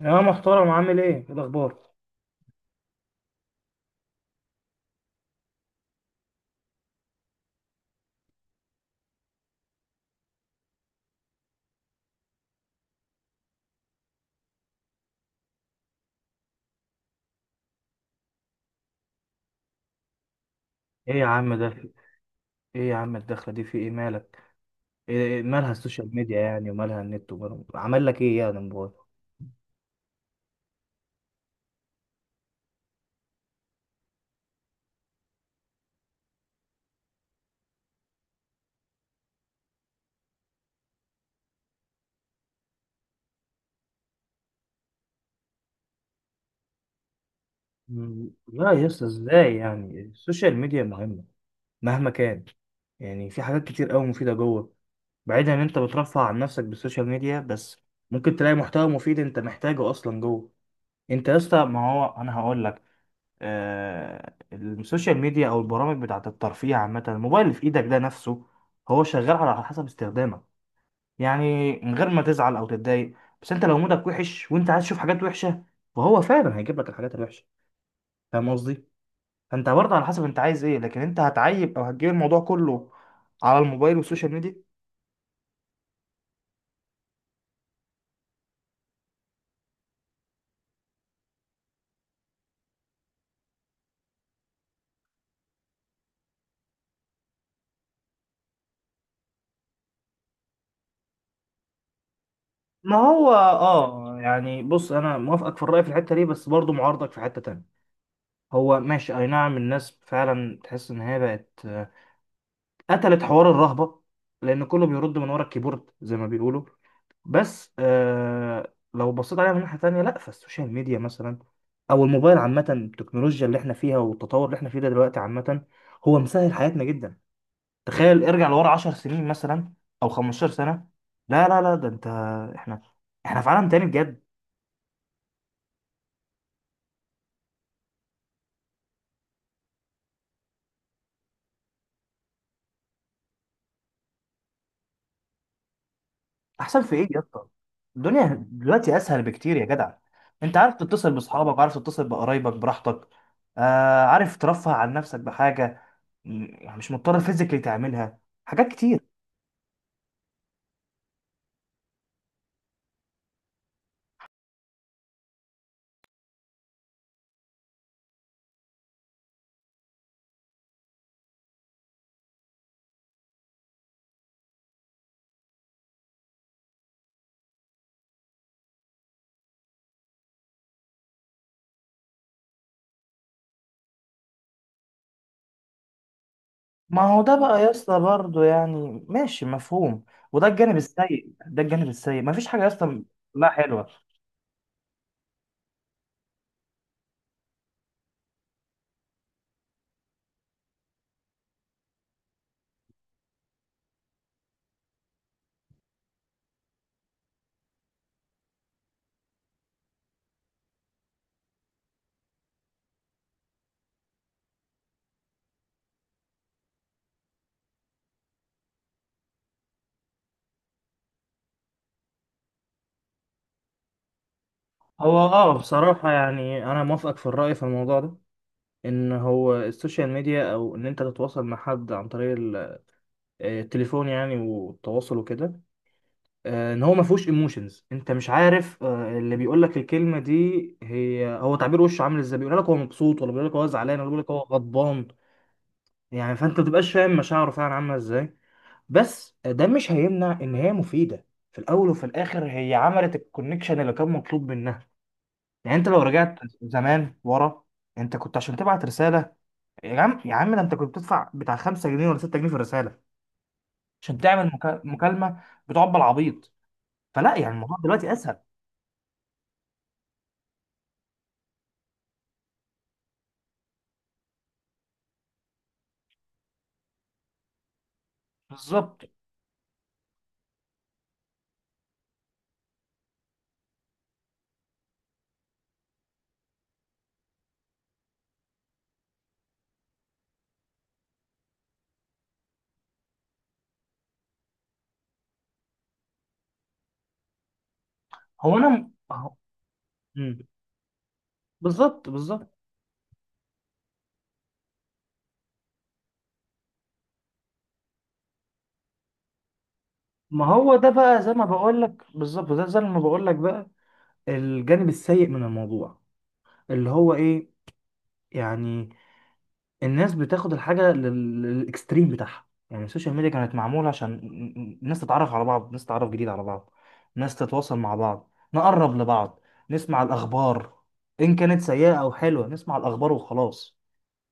يا محترم، عامل إيه الاخبار؟ ايه يا عم ده في- ايه يا عم، الدخله دي في ايه، مالك؟ إيه مالها السوشيال ميديا يعني، ومالها النت، ومالها عمل لك ايه يعني الموبايل؟ لا يا اسطى، ازاي؟ يعني السوشيال ميديا مهمه مهما كان. يعني في حاجات كتير قوي مفيده جوه، بعيدا ان انت بترفع عن نفسك بالسوشيال ميديا بس، ممكن تلاقي محتوى مفيد انت محتاجه اصلا جوه. انت يا اسطى، ما هو انا هقول لك. السوشيال ميديا او البرامج بتاعت الترفيه عامه، الموبايل اللي في ايدك ده نفسه، هو شغال على حسب استخدامك. يعني من غير ما تزعل او تتضايق، بس انت لو مودك وحش وانت عايز تشوف حاجات وحشه، فهو فعلا هيجيب لك الحاجات الوحشه. فاهم قصدي؟ فانت برضه على حسب انت عايز ايه، لكن انت هتعيب او هتجيب الموضوع كله على الموبايل والسوشيال ميديا. ما هو اه، يعني بص، انا موافقك في الرأي في الحتة دي، بس برضه معارضك في حتة تانية. هو ماشي، اي نعم، الناس فعلا تحس ان هي بقت قتلت حوار الرهبة، لأن كله بيرد من ورا الكيبورد زي ما بيقولوا. بس آه، لو بصيت عليها من ناحية تانية، لا، فالسوشيال ميديا مثلا، أو الموبايل عامة، التكنولوجيا اللي احنا فيها والتطور اللي احنا فيه ده دلوقتي عامة، هو مسهل حياتنا جدا. تخيل ارجع لورا 10 سنين مثلا، أو 15 سنة. لا لا لا، ده انت، احنا احنا في عالم تاني بجد. احسن في ايه يا اسطى؟ الدنيا دلوقتي اسهل بكتير يا جدع. انت عارف تتصل باصحابك، عارف تتصل بقرايبك براحتك، آه، عارف ترفه عن نفسك بحاجه. يعني مش مضطر فيزيكلي تعملها، حاجات كتير. ما هو ده بقى يا اسطى، برضه يعني ماشي مفهوم، وده الجانب السيء، ده الجانب السيء، مفيش حاجه يا اسطى. لا حلوه. هو اه، بصراحة يعني أنا موافقك في الرأي في الموضوع ده، إن هو السوشيال ميديا أو إن أنت تتواصل مع حد عن طريق التليفون يعني، والتواصل وكده، ان هو ما فيهوش ايموشنز. انت مش عارف، آه، اللي بيقول لك الكلمه دي، هو تعبير وشه عامل ازاي، بيقول لك هو مبسوط، ولا بيقول لك هو زعلان، ولا بيقول لك هو غضبان. يعني فانت ما بتبقاش فاهم مشاعره فعلا عامله ازاي. بس ده مش هيمنع ان هي مفيده. في الاول وفي الاخر هي عملت الكونكشن اللي كان مطلوب منها. يعني انت لو رجعت زمان ورا، انت كنت عشان تبعت رساله، يا عم، يا عم ده انت كنت بتدفع بتاع 5 جنيه ولا 6 جنيه في الرساله، عشان تعمل مكالمه بتقعد بالعبيط. فلا، يعني الموضوع دلوقتي اسهل. بالظبط. هو انا مم. بالظبط، بالظبط. ما هو ده بقى زي ما بقول لك بالظبط، ده زي ما بقول لك بقى، الجانب السيء من الموضوع، اللي هو ايه، يعني الناس بتاخد الحاجه للاكستريم بتاعها. يعني السوشيال ميديا كانت معموله عشان الناس تتعرف على بعض، ناس تتعرف جديد على بعض، ناس تتواصل مع بعض، نقرب لبعض، نسمع الاخبار، ان كانت سيئه او حلوه، نسمع الاخبار وخلاص.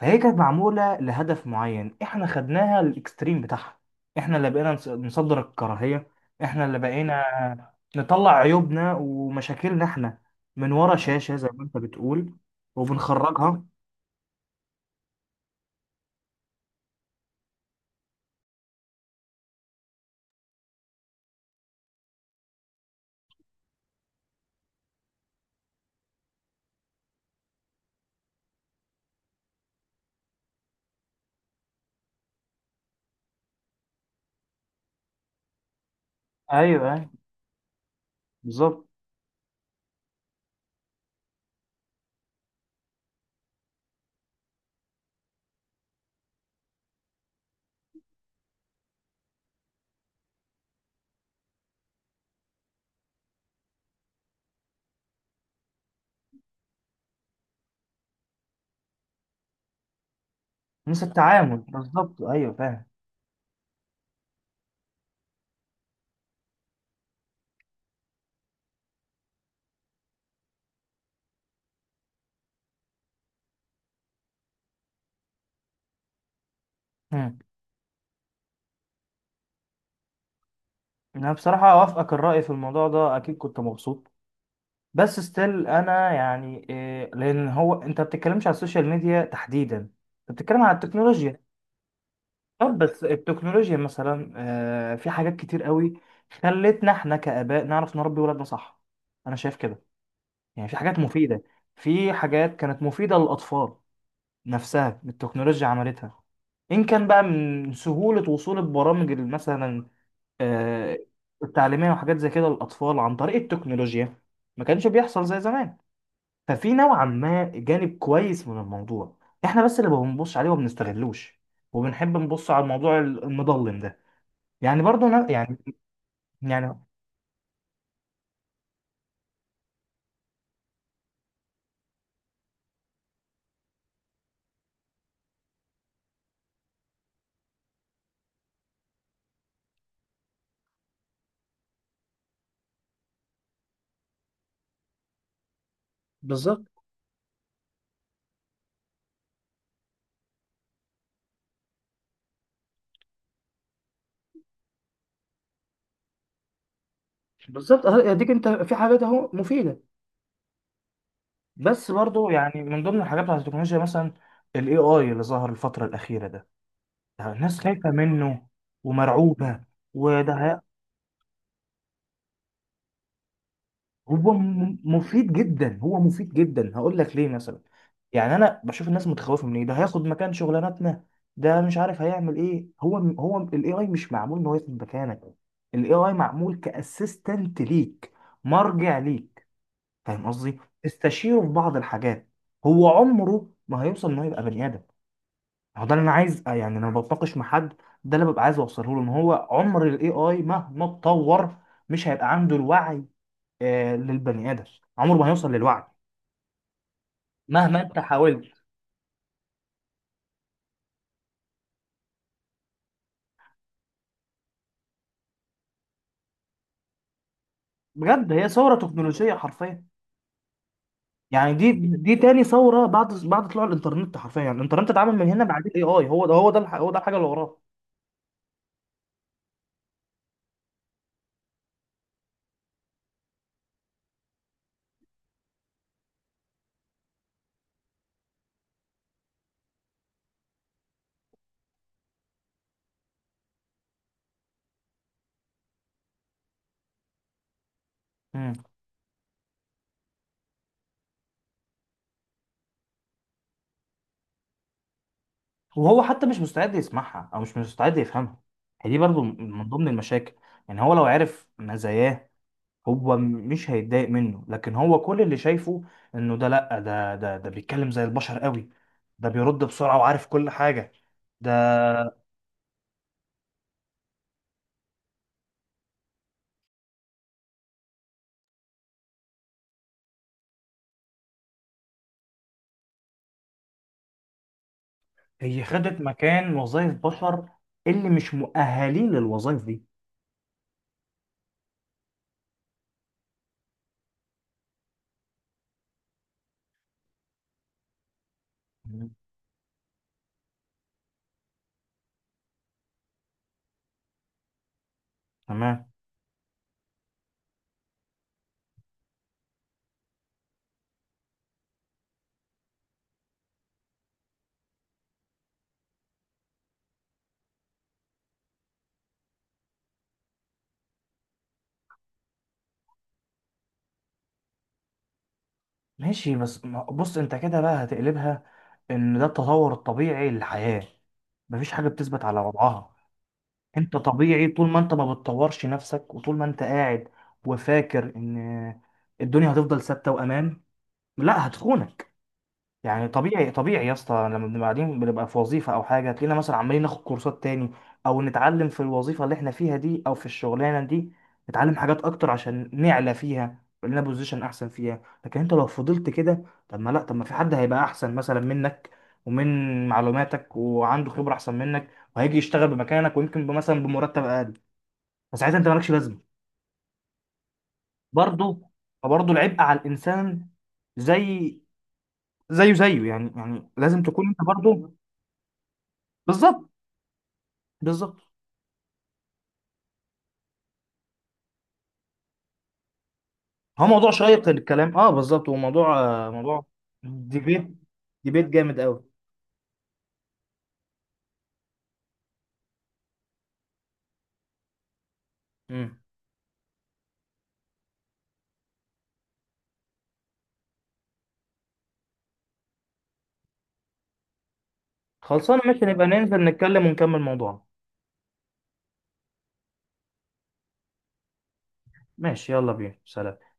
فهي كانت معمولة لهدف معين، احنا خدناها للاكستريم بتاعها. احنا اللي بقينا نصدر الكراهية، احنا اللي بقينا نطلع عيوبنا ومشاكلنا احنا، من ورا شاشة زي ما انت بتقول، وبنخرجها. ايوه، ايوه، بالظبط. نسى التعامل، بالظبط، ايوه، فاهم. مم. انا بصراحة اوافقك الرأي في الموضوع ده، اكيد كنت مبسوط، بس ستيل انا يعني إيه، لان هو انت بتتكلمش على السوشيال ميديا تحديدا، انت بتتكلم على التكنولوجيا. طب بس التكنولوجيا مثلا، في حاجات كتير قوي خلتنا احنا كآباء نعرف نربي ولادنا صح. انا شايف كده. يعني في حاجات مفيدة، في حاجات كانت مفيدة للأطفال نفسها التكنولوجيا عملتها، إن كان بقى من سهولة وصول البرامج مثلا، آه، التعليمية وحاجات زي كده للأطفال عن طريق التكنولوجيا، ما كانش بيحصل زي زمان. ففي نوعا ما جانب كويس من الموضوع، احنا بس اللي ما بنبصش عليه وما بنستغلوش، وبنحب نبص على الموضوع المظلم ده. يعني برضه أنا يعني بالظبط، بالظبط. اديك انت في حاجات اهو مفيده. بس برضه يعني من ضمن الحاجات بتاعت التكنولوجيا مثلا، ال AI اللي ظهر الفترة الأخيرة ده، الناس خايفة منه ومرعوبة. وده هي- مفيد جدا، هو مفيد جدا، هقول لك ليه مثلا. يعني أنا بشوف الناس متخوفة من إيه، ده هياخد مكان شغلانتنا، ده مش عارف هيعمل إيه. هو ال AI مش معمول إن هو ياخد مكانك، ال AI معمول كأسيستنت ليك، مرجع ليك، فاهم قصدي. استشيره في بعض الحاجات، هو عمره ما هيوصل ان هو يبقى بني ادم. هو ده اللي انا عايز، يعني لما بتناقش مع حد، ده اللي ببقى عايز اوصله له، ان هو عمر الاي اي مهما اتطور مش هيبقى عنده الوعي، للبني ادم، عمره ما هيوصل للوعي مهما انت حاولت. بجد هي ثوره تكنولوجيه حرفيا. يعني دي، دي تاني ثوره بعد طلوع الانترنت حرفيا. الانترنت اتعمل من هنا، بعد الاي اي، هو ده الحاجه اللي وراه. وهو حتى مش مستعد يسمعها او مش مستعد يفهمها، هي دي برضو من ضمن المشاكل. يعني هو لو عرف مزاياه مش هيتضايق منه، لكن هو كل اللي شايفه انه ده، لا، ده بيتكلم زي البشر قوي، ده بيرد بسرعة وعارف كل حاجة، ده. هي خدت مكان وظائف بشر اللي مش مؤهلين للوظائف دي. مم. تمام. ماشي، بس بص، انت كده بقى هتقلبها، ان ده التطور الطبيعي للحياة. مفيش حاجة بتثبت على وضعها. انت طبيعي طول ما انت ما بتطورش نفسك وطول ما انت قاعد وفاكر ان الدنيا هتفضل ثابته وامان، لا، هتخونك. يعني طبيعي، طبيعي يا اسطى، لما بنبقى قاعدين بنبقى في وظيفه او حاجه، تلاقينا مثلا عمالين ناخد كورسات تاني او نتعلم في الوظيفه اللي احنا فيها دي او في الشغلانه دي، نتعلم حاجات اكتر عشان نعلى فيها، يبقى لنا بوزيشن احسن فيها. لكن انت لو فضلت كده، طب ما لا، طب ما في حد هيبقى احسن مثلا منك، ومن معلوماتك، وعنده خبره احسن منك، وهيجي يشتغل بمكانك، ويمكن مثلا بمرتب اقل، فساعتها انت مالكش لازمه برضه. فبرضه العبء على الانسان، زي زيه زيه يعني، لازم تكون انت برضه. بالظبط، بالظبط. هو موضوع شيق الكلام، اه، بالظبط، هو موضوع، موضوع ديبيت، جامد قوي. امم خلصانه، ماشي، نبقى ننزل نتكلم ونكمل موضوعنا. ماشي، يلا بينا، سلام.